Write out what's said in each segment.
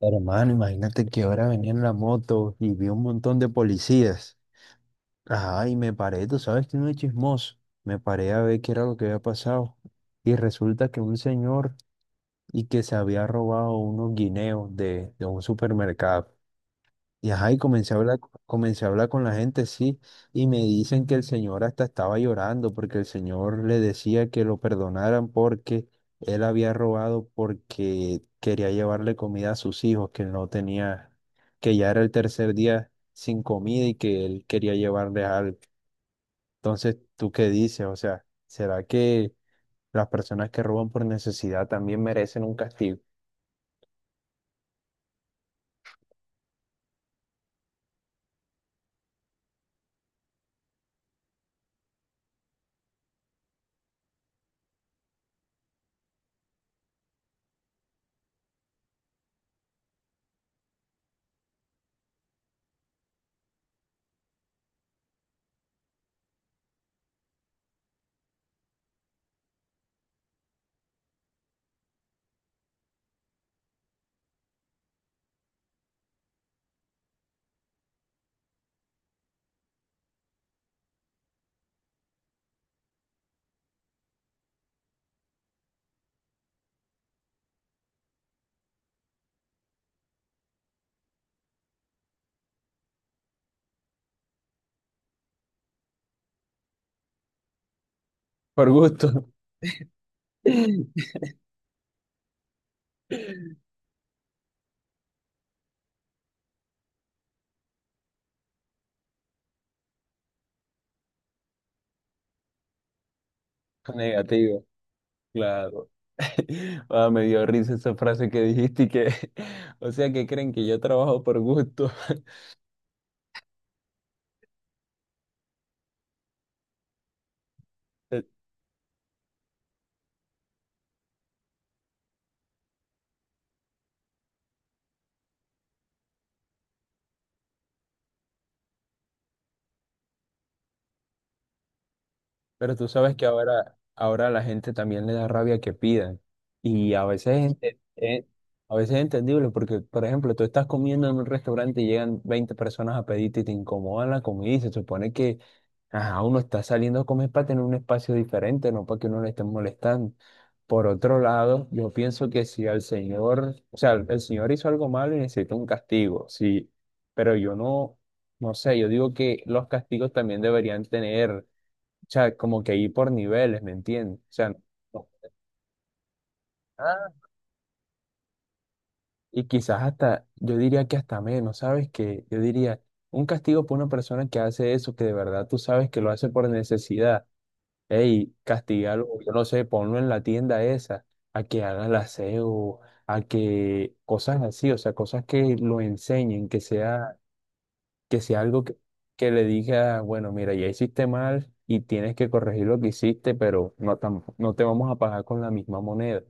Hermano, imagínate que ahora venía en la moto y vi un montón de policías. Ajá, y me paré, tú sabes que no es chismoso. Me paré a ver qué era lo que había pasado. Y resulta que un señor y que se había robado unos guineos de un supermercado. Y ajá, y comencé a hablar con la gente, sí, y me dicen que el señor hasta estaba llorando porque el señor le decía que lo perdonaran porque él había robado porque quería llevarle comida a sus hijos, que no tenía, que ya era el tercer día sin comida y que él quería llevarles algo. Entonces, ¿tú qué dices? O sea, ¿será que las personas que roban por necesidad también merecen un castigo? Por gusto, negativo. Claro. Ah, me dio risa esa frase que dijiste y que, o sea, que creen que yo trabajo por gusto. Eh, Pero tú sabes que ahora, ahora a la gente también le da rabia que pidan. Y a veces, a veces es entendible porque, por ejemplo, tú estás comiendo en un restaurante y llegan 20 personas a pedirte y te incomodan la comida y se supone que ajá, uno está saliendo a comer para tener un espacio diferente, no para que uno le esté molestando. Por otro lado, yo pienso que si al señor, o sea, el señor hizo algo malo y necesita un castigo, sí, pero yo no, no sé, yo digo que los castigos también deberían tener, o sea, como que ir por niveles, ¿me entiendes? O sea, no- ah, y quizás hasta, yo diría que hasta menos, ¿sabes? Que yo diría, un castigo por una persona que hace eso, que de verdad tú sabes que lo hace por necesidad. Ey, castigarlo, yo no sé, ponlo en la tienda esa, a que haga el aseo, a que cosas así, o sea, cosas que lo enseñen, que sea algo que le diga, bueno, mira, ya hiciste mal y tienes que corregir lo que hiciste, pero no, no te vamos a pagar con la misma moneda.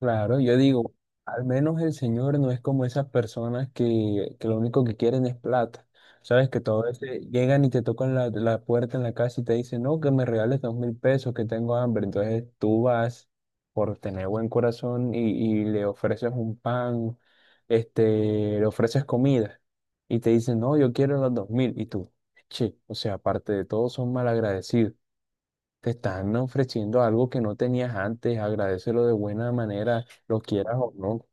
Claro, yo digo, al menos el señor no es como esas personas que lo único que quieren es plata. Sabes que todas veces llegan y te tocan la puerta en la casa y te dicen, no, que me regales 2000 pesos, que tengo hambre. Entonces tú vas por tener buen corazón y le ofreces un pan, este, le ofreces comida y te dicen, no, yo quiero los 2000. Y tú, che, o sea, aparte de todo, son malagradecidos. Te están ofreciendo algo que no tenías antes, agradécelo de buena manera, lo quieras o no.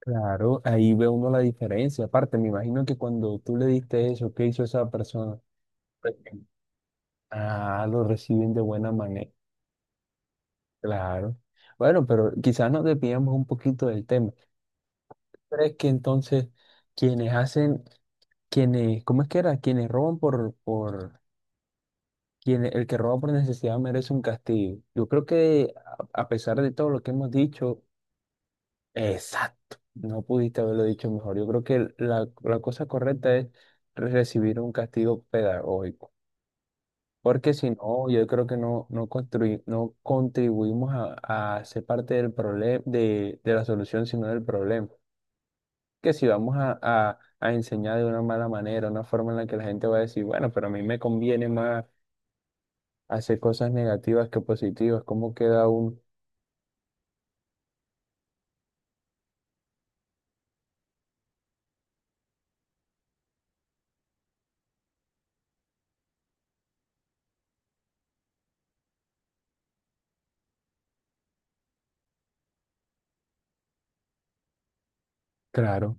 Claro, ahí ve uno la diferencia. Aparte, me imagino que cuando tú le diste eso, ¿qué hizo esa persona? Ah, lo reciben de buena manera. Claro. Bueno, pero quizás nos desviamos un poquito del tema. ¿Crees que entonces quienes hacen, quienes, ¿cómo es que era? Quienes roban por, quienes el que roba por necesidad merece un castigo? Yo creo que a pesar de todo lo que hemos dicho, exacto, no pudiste haberlo dicho mejor. Yo creo que la cosa correcta es recibir un castigo pedagógico, porque si no, yo creo que no, no, no contribuimos a ser parte del problema, de la solución, sino del problema. Que si vamos a enseñar de una mala manera, una forma en la que la gente va a decir, bueno, pero a mí me conviene más hacer cosas negativas que positivas, ¿cómo queda un... Claro.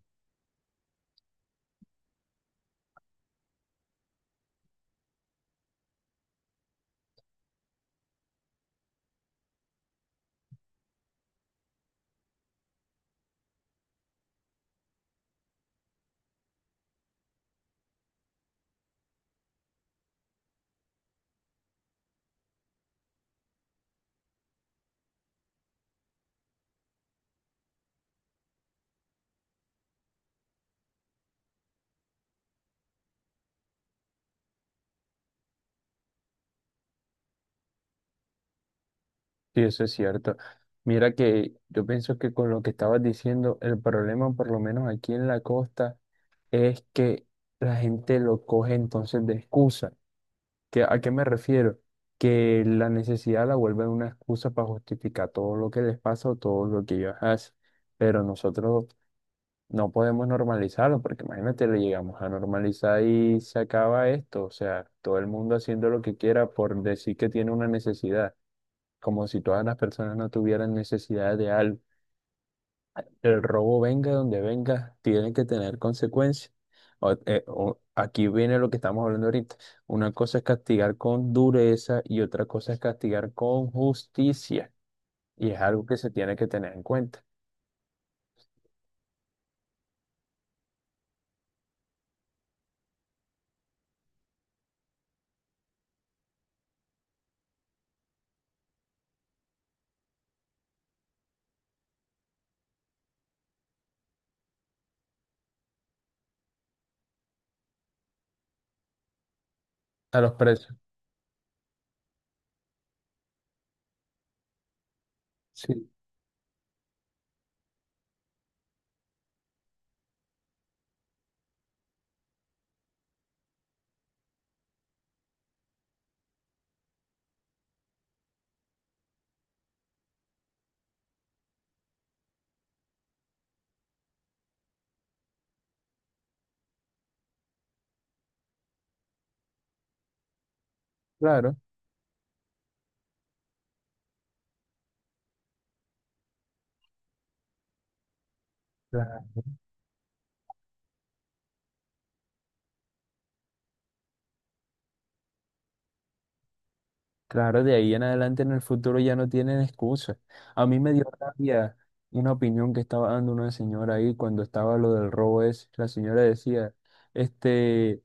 Sí, eso es cierto. Mira que yo pienso que con lo que estabas diciendo, el problema, por lo menos aquí en la costa, es que la gente lo coge entonces de excusa. ¿A qué me refiero? Que la necesidad la vuelven una excusa para justificar todo lo que les pasa o todo lo que ellos hacen. Pero nosotros no podemos normalizarlo, porque imagínate, le llegamos a normalizar y se acaba esto. O sea, todo el mundo haciendo lo que quiera por decir que tiene una necesidad como si todas las personas no tuvieran necesidad de algo. El robo venga donde venga, tiene que tener consecuencias. Aquí viene lo que estamos hablando ahorita. Una cosa es castigar con dureza y otra cosa es castigar con justicia. Y es algo que se tiene que tener en cuenta. A los presos. Sí, claro. Claro. Claro, de ahí en adelante en el futuro ya no tienen excusa. A mí me dio rabia una opinión que estaba dando una señora ahí cuando estaba lo del robo ese. La señora decía, este,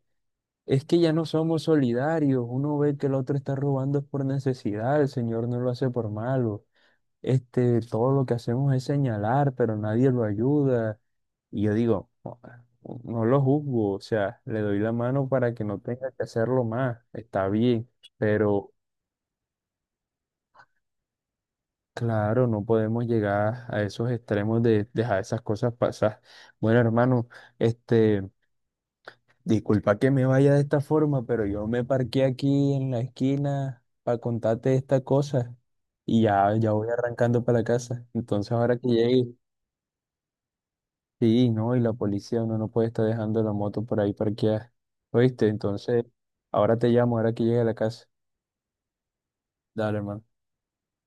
es que ya no somos solidarios. Uno ve que el otro está robando es por necesidad, el señor no lo hace por malo. Este, todo lo que hacemos es señalar, pero nadie lo ayuda. Y yo digo, no, no lo juzgo, o sea, le doy la mano para que no tenga que hacerlo más. Está bien, pero claro, no podemos llegar a esos extremos de dejar esas cosas pasar. Bueno, hermano, este, disculpa que me vaya de esta forma, pero yo me parqué aquí en la esquina para contarte esta cosa y ya, ya voy arrancando para la casa. Entonces, ahora que llegue, sí, no, y la policía, uno no puede estar dejando la moto por ahí parqueada. ¿Oíste? Entonces, ahora te llamo, ahora que llegue a la casa. Dale, hermano.